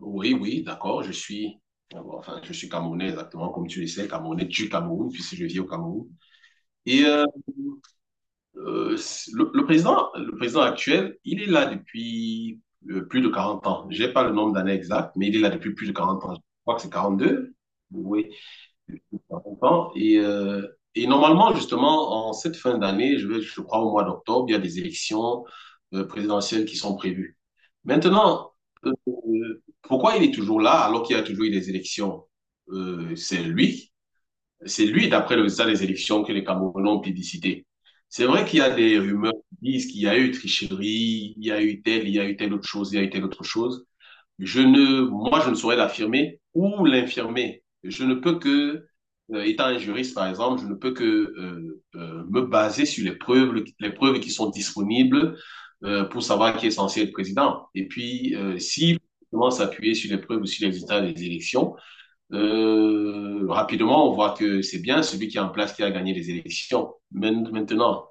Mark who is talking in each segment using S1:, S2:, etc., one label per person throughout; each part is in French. S1: Oui, oui, d'accord, enfin, je suis Camerounais exactement, comme tu le sais, Camerounais du Cameroun, puisque je vis au Cameroun. Et le président actuel, il est là depuis plus de 40 ans. Je n'ai pas le nombre d'années exactes, mais il est là depuis plus de 40 ans. Je crois que c'est 42. Oui. Pas longtemps. Et normalement, justement, en cette fin d'année, je crois au mois d'octobre, il y a des élections présidentielles qui sont prévues. Maintenant, euh, pourquoi il est toujours là alors qu'il y a toujours eu des élections? Euh, c'est lui, c'est lui, d'après le résultat des élections, que les Camerounais ont plébiscité. C'est vrai qu'il y a des rumeurs qui disent qu'il y a eu tricherie, il y a eu telle autre chose, il y a eu telle autre chose je ne, Moi, je ne saurais l'affirmer ou l'infirmer. Je ne peux que, étant un juriste, par exemple, je ne peux que me baser sur les preuves, qui sont disponibles pour savoir qui est censé être président. Et puis, si on commence à s'appuyer sur les preuves ou sur les résultats des élections, rapidement, on voit que c'est bien celui qui est en place qui a gagné les élections. Maintenant,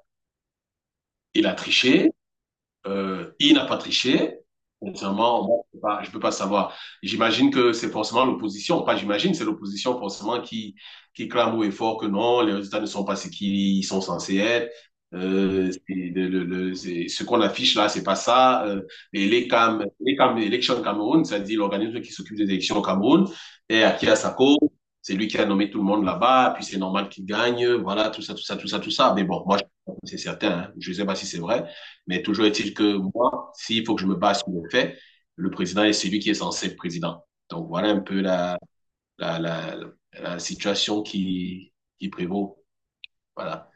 S1: il a triché, il n'a pas triché. Sincèrement, moi, je ne peux pas, je peux pas savoir. J'imagine que c'est forcément l'opposition. Pas j'imagine, c'est l'opposition forcément qui, clame haut et fort que non, les résultats ne sont pas ce qu'ils sont censés être. Ce qu'on affiche là, c'est pas ça. Et les CAM, les CAM, Election Cameroun, c'est-à-dire l'organisme qui s'occupe des élections au Cameroun, et à qui a sa cause. C'est lui qui a nommé tout le monde là-bas, puis c'est normal qu'il gagne. Voilà, tout ça, tout ça, tout ça, tout ça. Mais bon, moi, c'est certain, hein. Je sais pas si c'est vrai. Mais toujours est-il que moi, s'il faut que je me base sur les faits, le président est celui qui est censé être président. Donc voilà un peu la, la, la situation qui, prévaut. Voilà.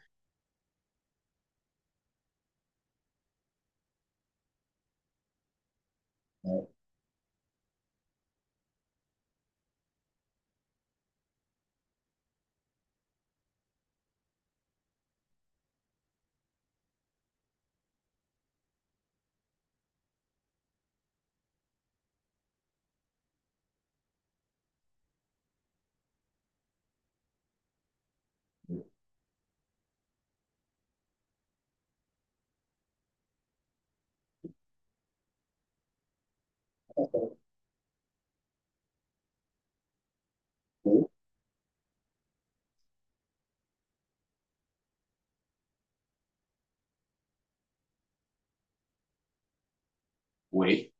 S1: Oui.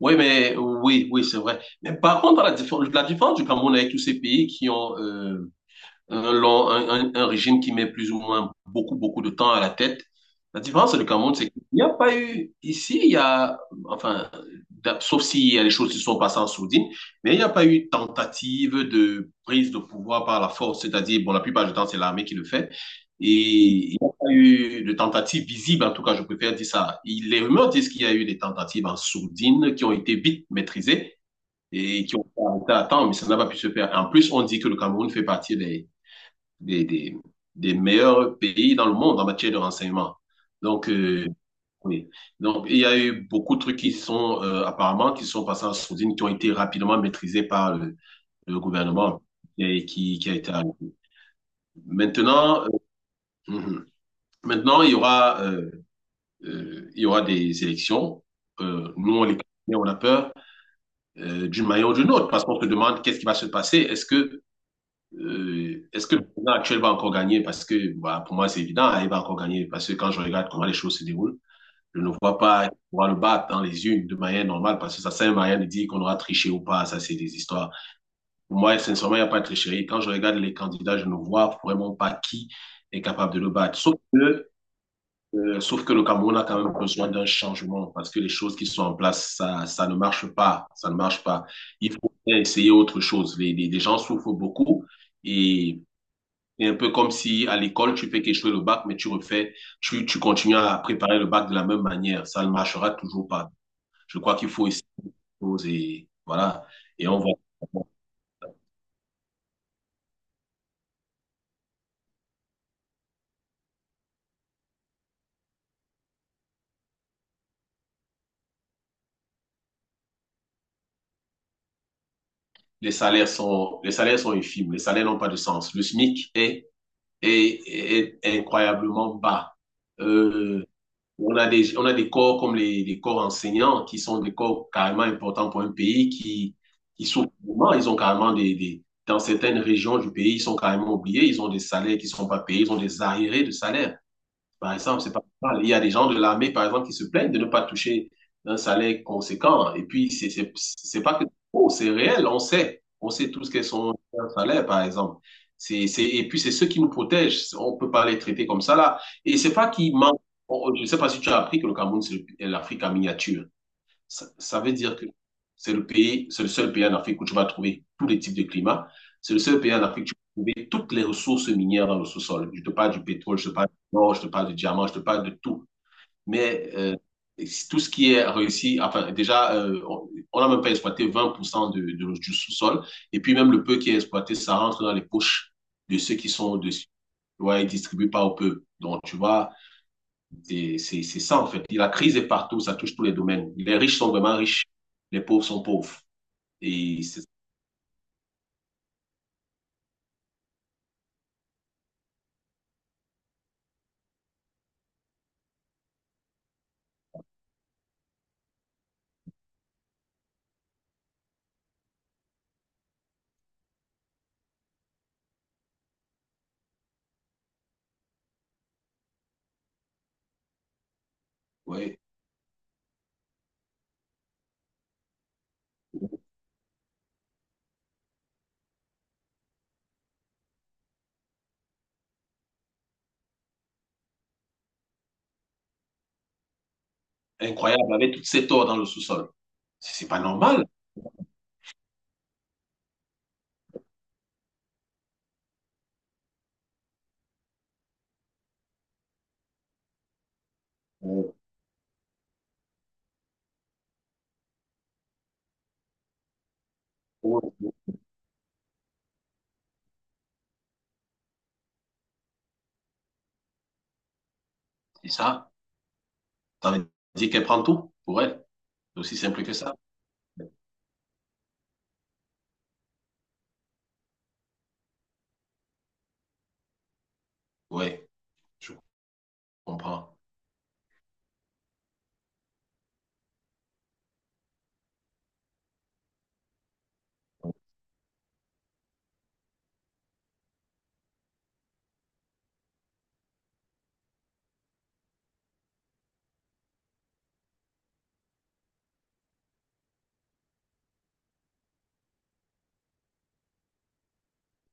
S1: Oui, mais oui, oui, c'est vrai. Mais par contre, la différence du Cameroun avec tous ces pays qui ont un, long- un régime qui met plus ou moins beaucoup, beaucoup de temps à la tête. La différence du Cameroun, c'est qu'il n'y a pas eu, ici, enfin, sauf s'il y a des choses qui sont passées en sourdine, mais il n'y a pas eu tentative de prise de pouvoir par la force, c'est-à-dire, bon, la plupart du temps, c'est l'armée qui le fait, et il n'y a pas eu de tentative visible, en tout cas, je préfère dire ça. Les rumeurs disent qu'il y a eu des tentatives en sourdine qui ont été vite maîtrisées et qui ont été arrêtées à temps, mais ça n'a pas pu se faire. En plus, on dit que le Cameroun fait partie des, des, des meilleurs pays dans le monde en matière de renseignement. Donc, oui. Donc, il y a eu beaucoup de trucs qui sont apparemment qui sont passés en sourdine, qui ont été rapidement maîtrisés par le gouvernement et qui, a été arrêté. Maintenant, mhm. maintenant il y aura des élections. Nous, on les connaît, on a peur d'une manière ou d'une autre parce qu'on se demande qu'est-ce qui va se passer. Est-ce que le président actuel va encore gagner? Parce que bah, pour moi, c'est évident, hein, il va encore gagner. Parce que quand je regarde comment les choses se déroulent, je ne vois pas pouvoir le battre dans les unes de manière normale. Parce que ça sert à rien de dire qu'on aura triché ou pas. Ça, c'est des histoires. Pour moi, sincèrement, il n'y a pas de tricherie. Quand je regarde les candidats, je ne vois vraiment pas qui est capable de le battre. Sauf que le Cameroun a quand même besoin d'un changement. Parce que les choses qui sont en place, ça ne marche pas. Ça ne marche pas. Il faut essayer autre chose. Les gens souffrent beaucoup. Et c'est un peu comme si à l'école, tu fais qu'échouer le bac, mais tu refais, tu continues à préparer le bac de la même manière. Ça ne marchera toujours pas. Je crois qu'il faut essayer des choses et voilà. Et on voit. Les salaires sont infimes. Les salaires n'ont pas de sens. Le SMIC est incroyablement bas. Euh, on a des corps comme les corps enseignants qui sont des corps carrément importants pour un pays qui, souffrent. Ils ont carrément des- Dans certaines régions du pays, ils sont carrément oubliés. Ils ont des salaires qui ne sont pas payés. Ils ont des arriérés de salaire. Par exemple, c'est pas normal. Il y a des gens de l'armée, par exemple, qui se plaignent de ne pas toucher un salaire conséquent. Et puis, c'est pas que oh, c'est réel, on sait. On sait tous quels sont leurs salaires, par exemple. Et puis, c'est ceux qui nous protègent. On peut pas les traiter comme ça, là. Et c'est pas qu'ils manquent. Je sais pas si tu as appris que le Cameroun, c'est l'Afrique en miniature. Ça veut dire que c'est le seul pays en Afrique où tu vas trouver tous les types de climats. C'est le seul pays en Afrique où tu vas trouver toutes les ressources minières dans le sous-sol. Je te parle du pétrole, je te parle du or, je te parle du diamant, je te parle de tout. Mais si tout ce qui est réussi, enfin, déjà, on n'a même pas exploité 20% du sous-sol. Et puis, même le peu qui est exploité, ça rentre dans les poches de ceux qui sont dessus. Ouais, ils distribuent pas au peuple. Donc, tu vois, et c'est ça, en fait. La crise est partout, ça touche tous les domaines. Les riches sont vraiment riches, les pauvres sont pauvres. Et c'est, ouais, incroyable, avec toutes ces torts dans le sous-sol. C'est pas normal. Oh, oh, c'est ça. Ça veut dire qu'elle prend tout pour elle. C'est aussi simple que ça. Ouais, je comprends.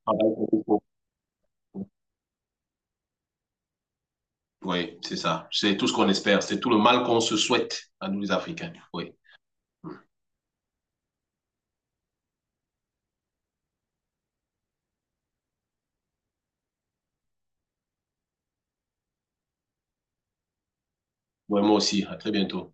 S1: Travail pour tout. Ouais, c'est ça. C'est tout ce qu'on espère. C'est tout le mal qu'on se souhaite à nous, les Africains. Oui. Ouais, moi aussi. À très bientôt.